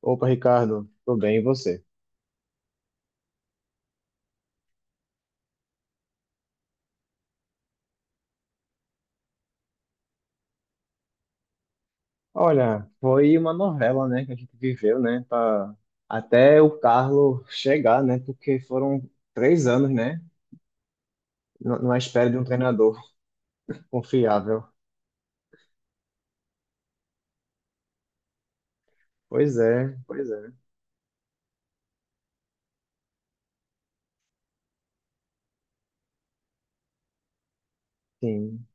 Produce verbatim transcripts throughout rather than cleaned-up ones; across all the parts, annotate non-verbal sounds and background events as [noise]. Opa, Ricardo, tudo bem, e você? Olha, foi uma novela, né, que a gente viveu, né, pra- até o Carlo chegar, né, porque foram três anos, né, na na espera de um treinador [laughs] confiável. Pois é, pois é, sim,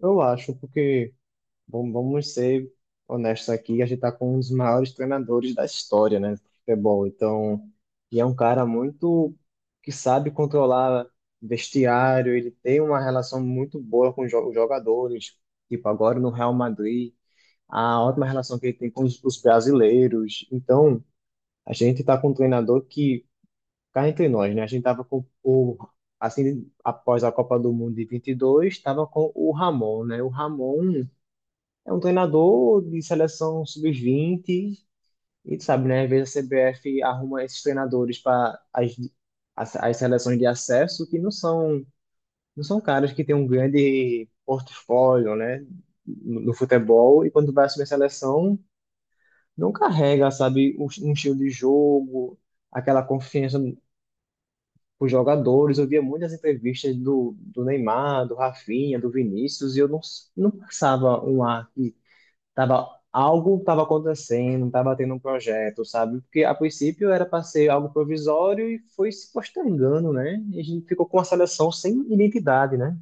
eu acho, porque, bom, vamos ser honestos aqui. A gente está com um dos maiores treinadores da história, né, do futebol. Então, e é um cara muito que sabe controlar vestiário. Ele tem uma relação muito boa com os jo- os jogadores, tipo agora no Real Madrid, a ótima relação que ele tem com os, os brasileiros. Então, a gente está com um treinador que, cá entre nós, né, a gente estava com o, assim, após a Copa do Mundo de vinte e dois estava com o Ramon, né, o Ramon é um treinador de seleção sub vinte, e tu sabe, né? Às vezes a C B F arruma esses treinadores para as, as, as seleções de acesso que não são, não são caras que têm um grande portfólio, né? No, no futebol, e quando vai assumir a seleção, não carrega, sabe, um, um estilo de jogo, aquela confiança com os jogadores. Eu via muitas entrevistas do, do Neymar, do Rafinha, do Vinícius, e eu não, não passava um ar. Tava, Algo estava acontecendo, estava tendo um projeto, sabe? Porque a princípio era para ser algo provisório e foi se postergando, né? E a gente ficou com a seleção sem identidade, né?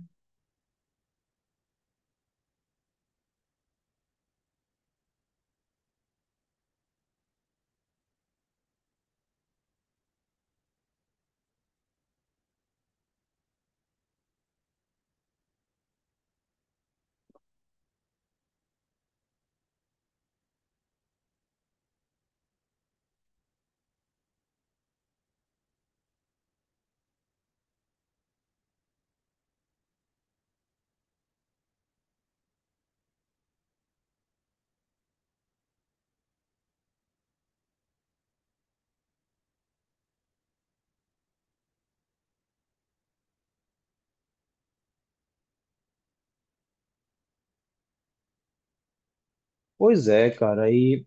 Pois é, cara. E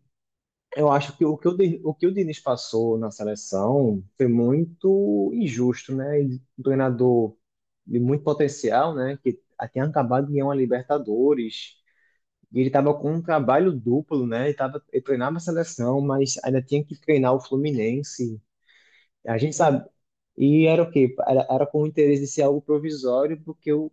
eu acho que o que o, Den- o que o Diniz passou na seleção foi muito injusto, né? E um treinador de muito potencial, né? Que tinha acabado de ganhar uma Libertadores. E ele estava com um trabalho duplo, né? Ele, tava, ele treinava a seleção, mas ainda tinha que treinar o Fluminense. A gente sabe. E era o quê? Era, era com o interesse de ser algo provisório, porque o,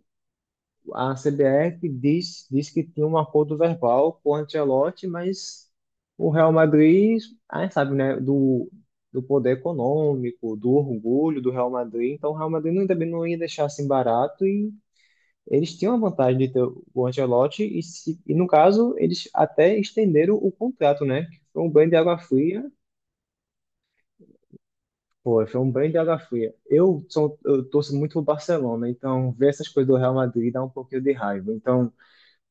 a C B F diz, diz que tinha um acordo verbal com o Ancelotti, mas o Real Madrid, a gente sabe, né? Do, do poder econômico, do orgulho do Real Madrid. Então o Real Madrid não, também não ia deixar assim barato, e eles tinham a vantagem de ter o Ancelotti e, se, e, no caso, eles até estenderam o contrato, né? Foi um banho de água fria. Pô, foi um banho de água fria. Eu, sou, eu torço muito pro Barcelona, então ver essas coisas do Real Madrid dá um pouquinho de raiva. Então,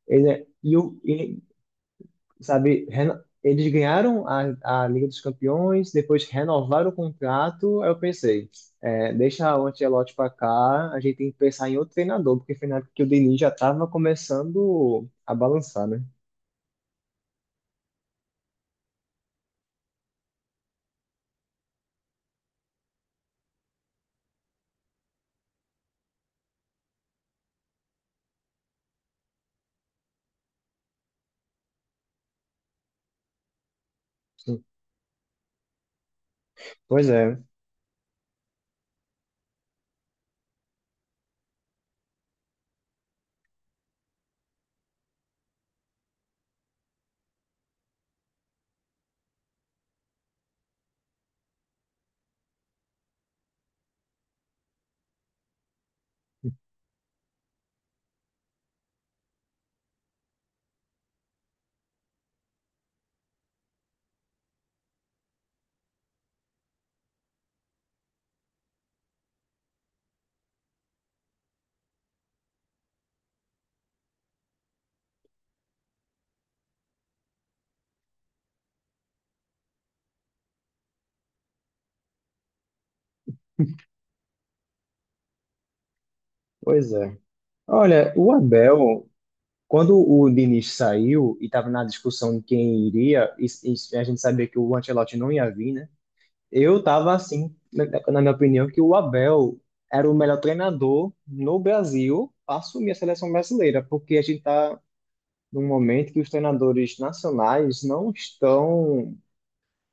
ele é- e, o- e, sabe, reno- eles ganharam a, a Liga dos Campeões, depois renovaram o contrato. Aí eu pensei, é, deixa o Ancelotti pra cá, a gente tem que pensar em outro treinador, porque foi na época que o Diniz já tava começando a balançar, né? Pois é, pois é. Olha, o Abel. Quando o Diniz saiu e estava na discussão de quem iria, e, e a gente sabia que o Ancelotti não ia vir, né? Eu estava assim, na, na minha opinião, que o Abel era o melhor treinador no Brasil para assumir a seleção brasileira, porque a gente está num momento que os treinadores nacionais não estão,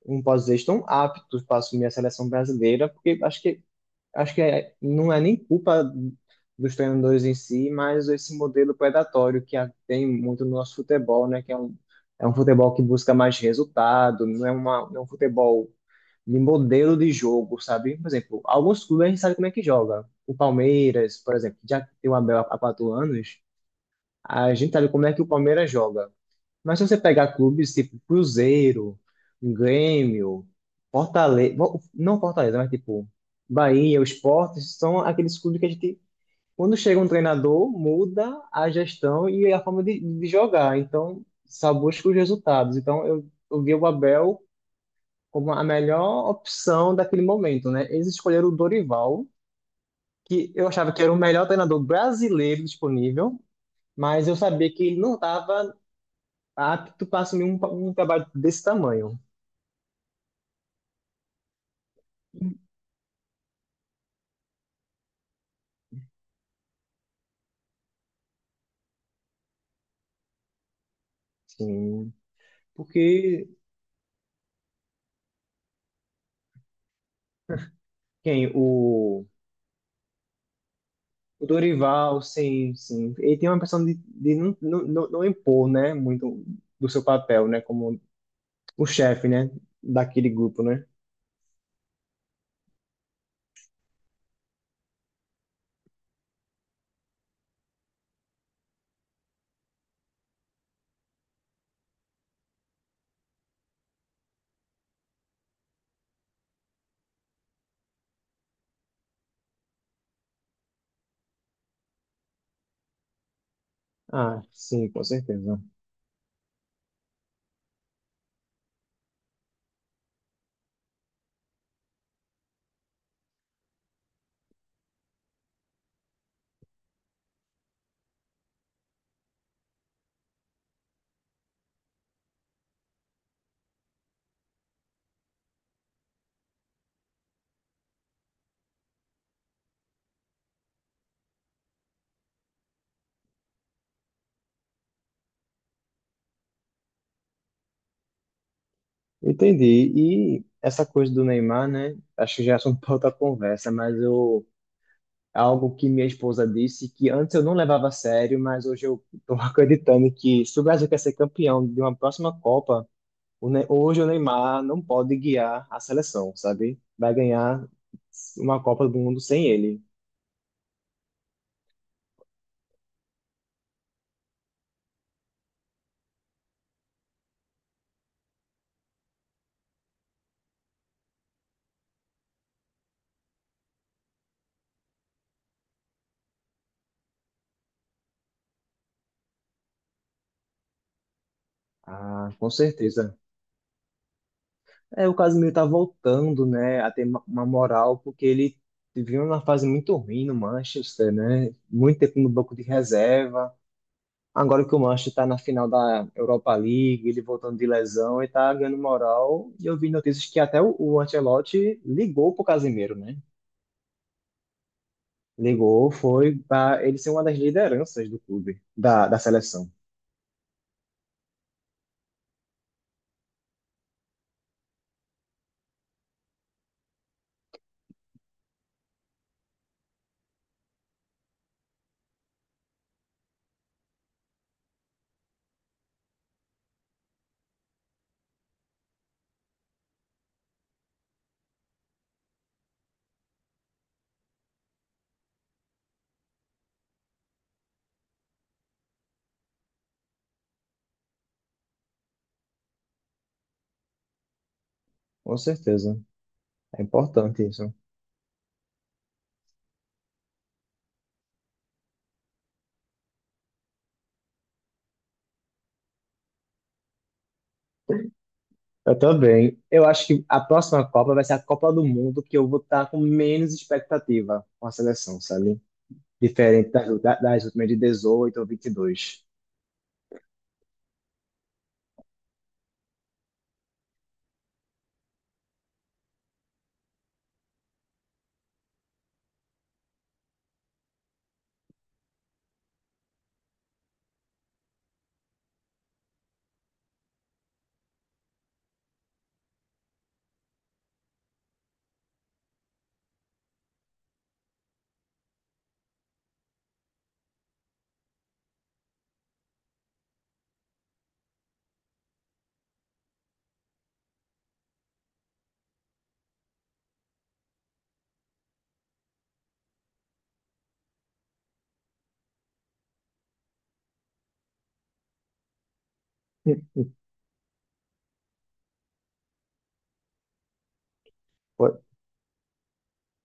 não posso dizer, estão aptos para assumir a seleção brasileira, porque acho que acho que é, não é nem culpa dos treinadores em si, mas esse modelo predatório que a- tem muito no nosso futebol, né? Que é um, é um futebol que busca mais resultado, não é, uma, não é um futebol de modelo de jogo, sabe? Por exemplo, alguns clubes a gente sabe como é que joga. O Palmeiras, por exemplo, já tem o Abel há há quatro anos, a gente sabe como é que o Palmeiras joga. Mas se você pegar clubes tipo Cruzeiro, Grêmio, Fortaleza, não Fortaleza, mas tipo Bahia, o Sport, são aqueles clubes que a gente, quando chega um treinador, muda a gestão e a forma de, de jogar. Então, só busca os resultados. Então, eu, eu vi o Abel como a melhor opção daquele momento, né? Eles escolheram o Dorival, que eu achava que era o melhor treinador brasileiro disponível, mas eu sabia que ele não estava apto para assumir um, um trabalho desse tamanho. Sim, porque quem? O, o Dorival, sim, sim. Ele tem uma questão de, de não, não, não não impor, né, muito do seu papel, né, como o chefe, né, daquele grupo, né? Ah, sim, com certeza. Entendi. E essa coisa do Neymar, né, acho que já é assunto para outra [laughs] conversa, mas eu, é algo que minha esposa disse que antes eu não levava a sério, mas hoje eu estou [laughs] acreditando que se o Brasil quer ser campeão de uma próxima Copa, o Ne- hoje o Neymar não pode guiar a seleção, sabe? Vai ganhar uma Copa do Mundo sem ele. Ah, com certeza. É, o Casemiro tá voltando, né, a ter ma- uma moral, porque ele viveu numa fase muito ruim no Manchester, né? Muito tempo no banco de reserva. Agora que o Manchester tá na final da Europa League, ele voltando de lesão e tá ganhando moral. E eu vi notícias que até o, o Ancelotti ligou pro Casemiro, né? Ligou, foi para ele ser uma das lideranças do clube, da, da seleção. Com certeza. É importante isso. Eu também. Eu acho que a próxima Copa vai ser a Copa do Mundo que eu vou estar com menos expectativa com a seleção, sabe? Diferente das, da- das últimas de dezoito ou vinte e dois. Foi-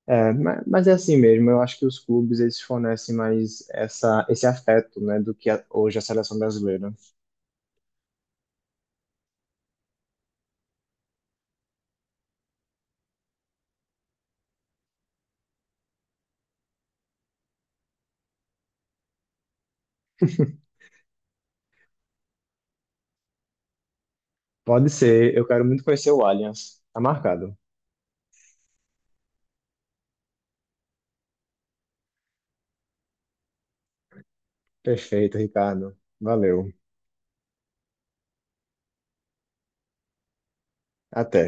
É, ma- mas é assim mesmo. Eu acho que os clubes eles fornecem mais essa, esse afeto, né, do que a- hoje a seleção brasileira. Pode ser. Eu quero muito conhecer o Allianz. Tá marcado. Perfeito, Ricardo. Valeu. Até.